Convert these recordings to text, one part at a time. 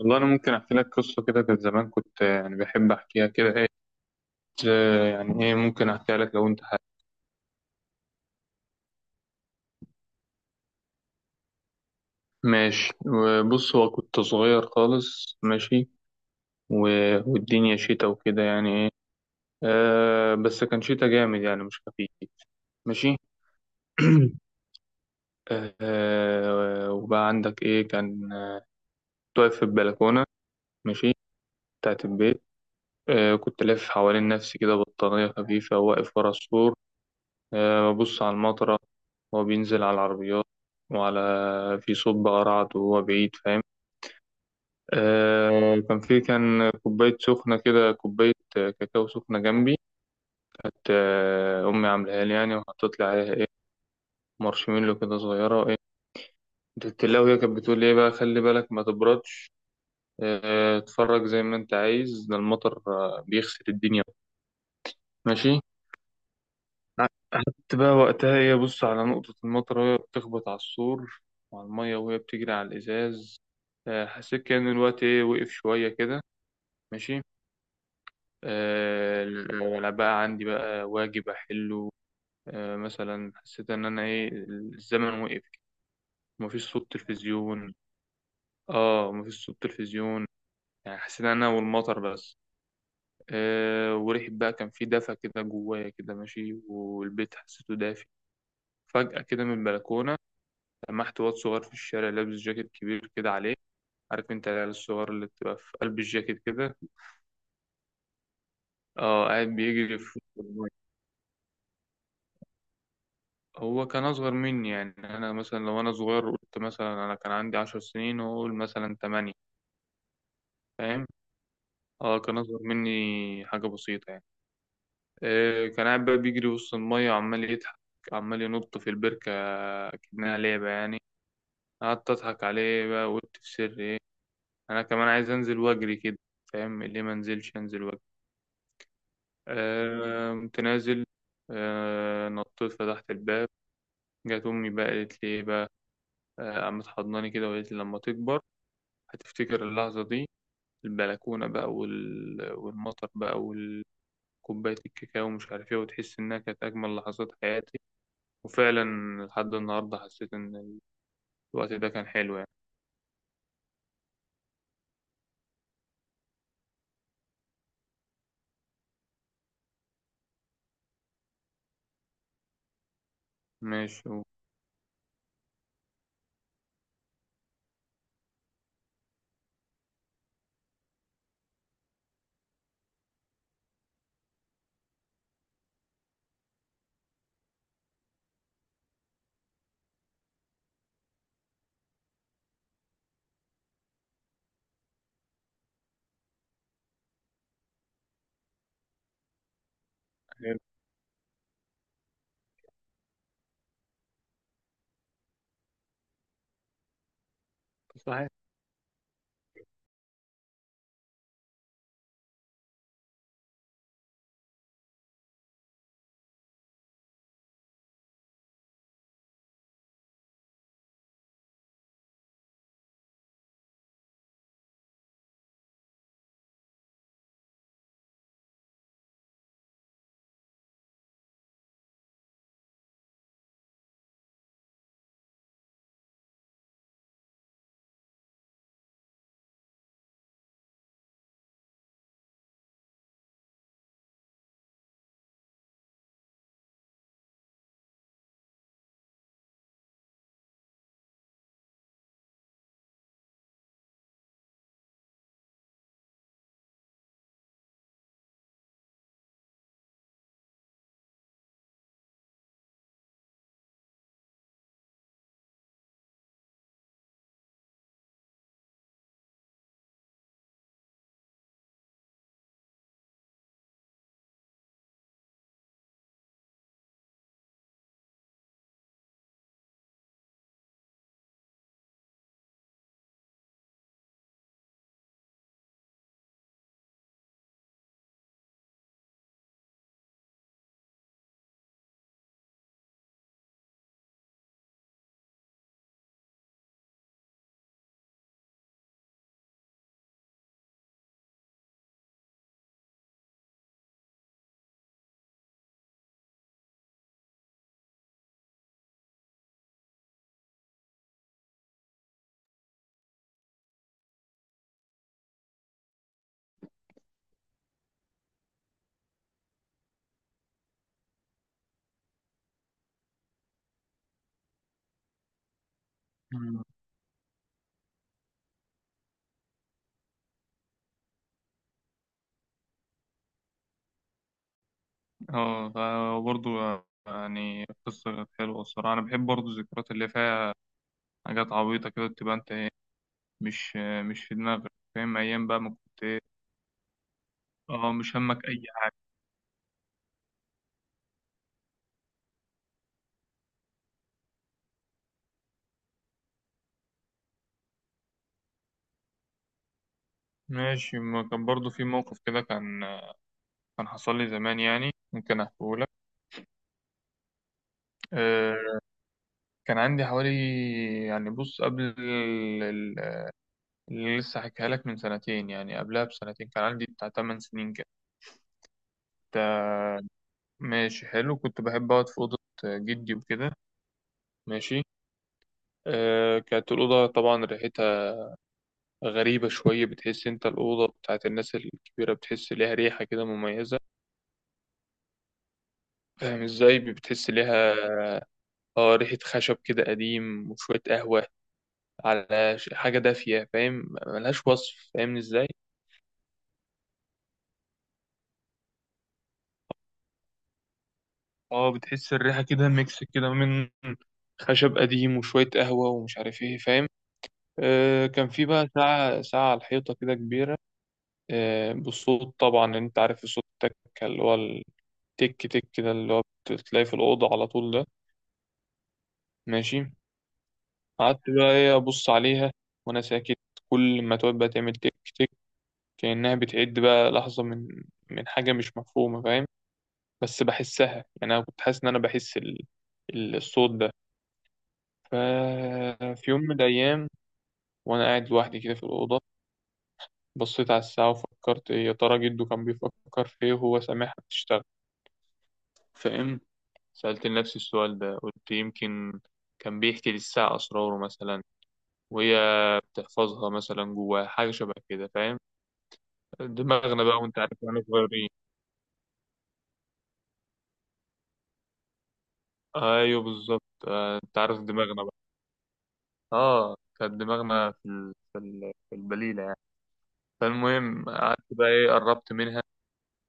والله أنا ممكن أحكي لك قصة كده. كانت زمان كنت يعني بحب أحكيها كده إيه. يعني إيه، ممكن أحكيها لك لو أنت حابب. ماشي، بص هو كنت صغير خالص. ماشي، والدنيا شتا وكده يعني إيه. بس كان شتا جامد يعني مش خفيف. ماشي. وبقى عندك إيه كان كنت واقف في البلكونة. ماشي، بتاعت البيت. كنت لافف حوالين نفسي كده بطانية خفيفة، واقف ورا السور، ببص على المطرة وهو بينزل على العربيات وعلى، في صب قرعت وهو بعيد، فاهم؟ كان في كوباية سخنة كده، كوباية كاكاو سخنة جنبي. كانت أمي عاملاها لي يعني، وحطت لي عليها إيه، مارشميلو كده صغيرة إيه. التلاوة هي كانت بتقول لي إيه بقى خلي بالك ما تبردش، اتفرج زي ما أنت عايز، ده المطر بيغسل الدنيا. ماشي. قعدت بقى وقتها هي بص على نقطة المطر وهي بتخبط على السور وعلى المية وهي بتجري على الإزاز. حسيت كأن الوقت إيه وقف شوية كده. ماشي. آه، ولا بقى عندي بقى واجب أحله. مثلا حسيت إن أنا إيه، الزمن وقف. مفيش صوت تلفزيون. مفيش صوت تلفزيون، يعني حسيت إن أنا والمطر بس. وريحة بقى كان في دفى كده جوايا كده. ماشي، والبيت حسيته دافي. فجأة كده من البلكونة، لمحت واد صغير في الشارع لابس جاكيت كبير كده عليه. عارف انت العيال الصغار اللي بتبقى في قلب الجاكيت كده. اه قاعد بيجري في وسط المية. هو كان اصغر مني يعني، انا مثلا لو انا صغير قلت مثلا انا كان عندي عشر سنين، هو قول مثلا تمانية. فاهم؟ اه كان اصغر مني حاجة بسيطة يعني. كان قاعد بقى بيجري وسط المية وعمال يضحك، عمال ينط في البركة، كأنها لعبة يعني. قعدت أضحك عليه بقى وقلت في سر إيه، أنا كمان عايز أنزل وأجري كده. فاهم ليه ما أنزلش أنزل. قمت نازل. نطيت فتحت الباب. جت أمي بقى قالت لي إيه بقى، قامت حضناني كده وقالت لي لما تكبر هتفتكر اللحظة دي، البلكونة بقى والمطر بقى وكوباية الكاكاو ومش عارف إيه، وتحس إنها كانت أجمل لحظات حياتي. وفعلا لحد النهاردة حسيت إن الوقت ده كان حلو يعني. ماشي صحيح. مم. اه فبرضه يعني قصة كانت حلوة الصراحة، أنا بحب برضه الذكريات اللي فيها حاجات عبيطة كده. بتبقى أنت إيه، مش مش في دماغك، فاهم؟ ايام بقى ما كنت ايه. اه مش همك اي حاجه. ماشي، ما كان برضو في موقف كده كان، كان حصل لي زمان يعني، ممكن احكيه لك. آه كان عندي حوالي، يعني بص قبل اللي لسه حكيها لك من سنتين، يعني قبلها بسنتين كان عندي بتاع 8 سنين كده. تا- ماشي، حلو كنت بحب اقعد في اوضه جدي وكده. ماشي. كانت الأوضة طبعا ريحتها غريبة شوية. بتحس أنت الأوضة بتاعت الناس الكبيرة بتحس ليها ريحة كده مميزة، فاهم ازاي بتحس ليها. اه ريحة خشب كده قديم وشوية قهوة، على حاجة دافية، فاهم؟ ملهاش وصف، فاهمني ازاي. اه بتحس الريحة كده ميكس كده من خشب قديم وشوية قهوة ومش عارف ايه، فاهم؟ كان في بقى ساعة على الحيطة كده كبيرة. بالصوت طبعا، انت عارف الصوت التك، اللي هو التك تك كده، اللي هو بتلاقيه في الأوضة على طول ده. ماشي. قعدت بقى ايه أبص عليها وأنا ساكت. كل ما تقعد بقى تعمل تك تك كأنها بتعد بقى لحظة من حاجة مش مفهومة، فاهم؟ بس بحسها يعني، أنا كنت حاسس إن أنا بحس الصوت ده. ففي يوم من الأيام وأنا قاعد لوحدي كده في الأوضة، بصيت على الساعة وفكرت إيه، يا ترى جده كان بيفكر في إيه وهو سامعها بتشتغل، فاهم؟ سألت نفسي السؤال ده، قلت يمكن كان بيحكي للساعة أسراره مثلا، وهي بتحفظها مثلا جواها، حاجة شبه كده، فاهم؟ دماغنا بقى وأنت عارف، واحنا صغيرين. أيوه بالظبط. أنت عارف دماغنا بقى، اه كانت دماغنا في في البليله يعني. فالمهم قعدت بقى ايه قربت منها،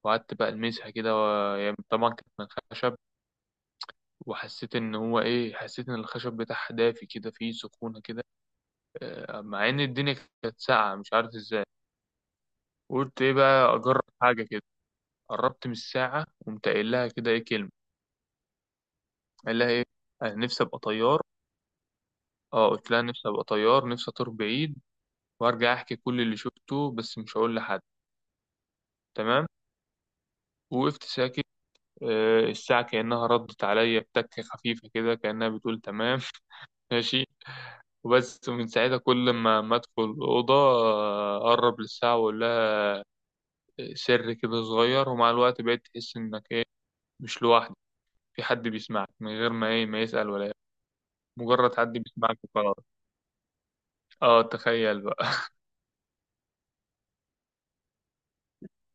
وقعدت بقى المسها كده، و... يعني طبعا كانت من خشب. وحسيت ان هو ايه، حسيت ان الخشب بتاعها دافي كده، فيه سخونه كده. مع ان الدنيا كانت ساقعه، مش عارف ازاي. قلت ايه بقى، اجرب حاجه كده. قربت من الساعه، قمت قايل لها كده ايه كلمه. قال لها ايه، انا نفسي ابقى طيار. اه قلت لها نفسي ابقى طيار، نفسي اطير بعيد وارجع احكي كل اللي شفته، بس مش هقول لحد. تمام. وقفت ساكت. الساعة كأنها ردت عليا بتكة خفيفة كده، كأنها بتقول تمام. ماشي. وبس من ساعتها كل ما ادخل الأوضة أقرب للساعة وأقول لها سر كده صغير. ومع الوقت بقيت تحس إنك إيه، مش لوحدك. في حد بيسمعك من غير ما إيه ما يسأل ولا يعمل. مجرد حد بيسمعك وخلاص. اه تخيل بقى.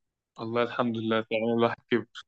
والله الحمد لله، فعلا الواحد كبر.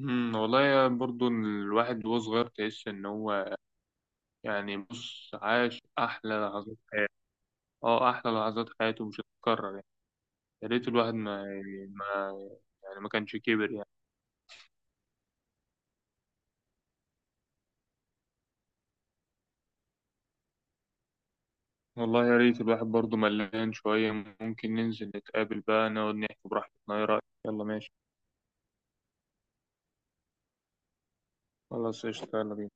والله يا، برضو الواحد وهو صغير تحس ان هو يعني بص عاش احلى لحظات. اه احلى لحظات حياته مش هتتكرر يعني. يا ريت الواحد ما ما يعني ما كانش كبر يعني. والله يا ريت الواحد برضه ملان شوية، ممكن ننزل نتقابل بقى نقعد نحكي براحتنا، ايه رأيك؟ يلا ماشي، خلاص، قشطة، يلا بينا.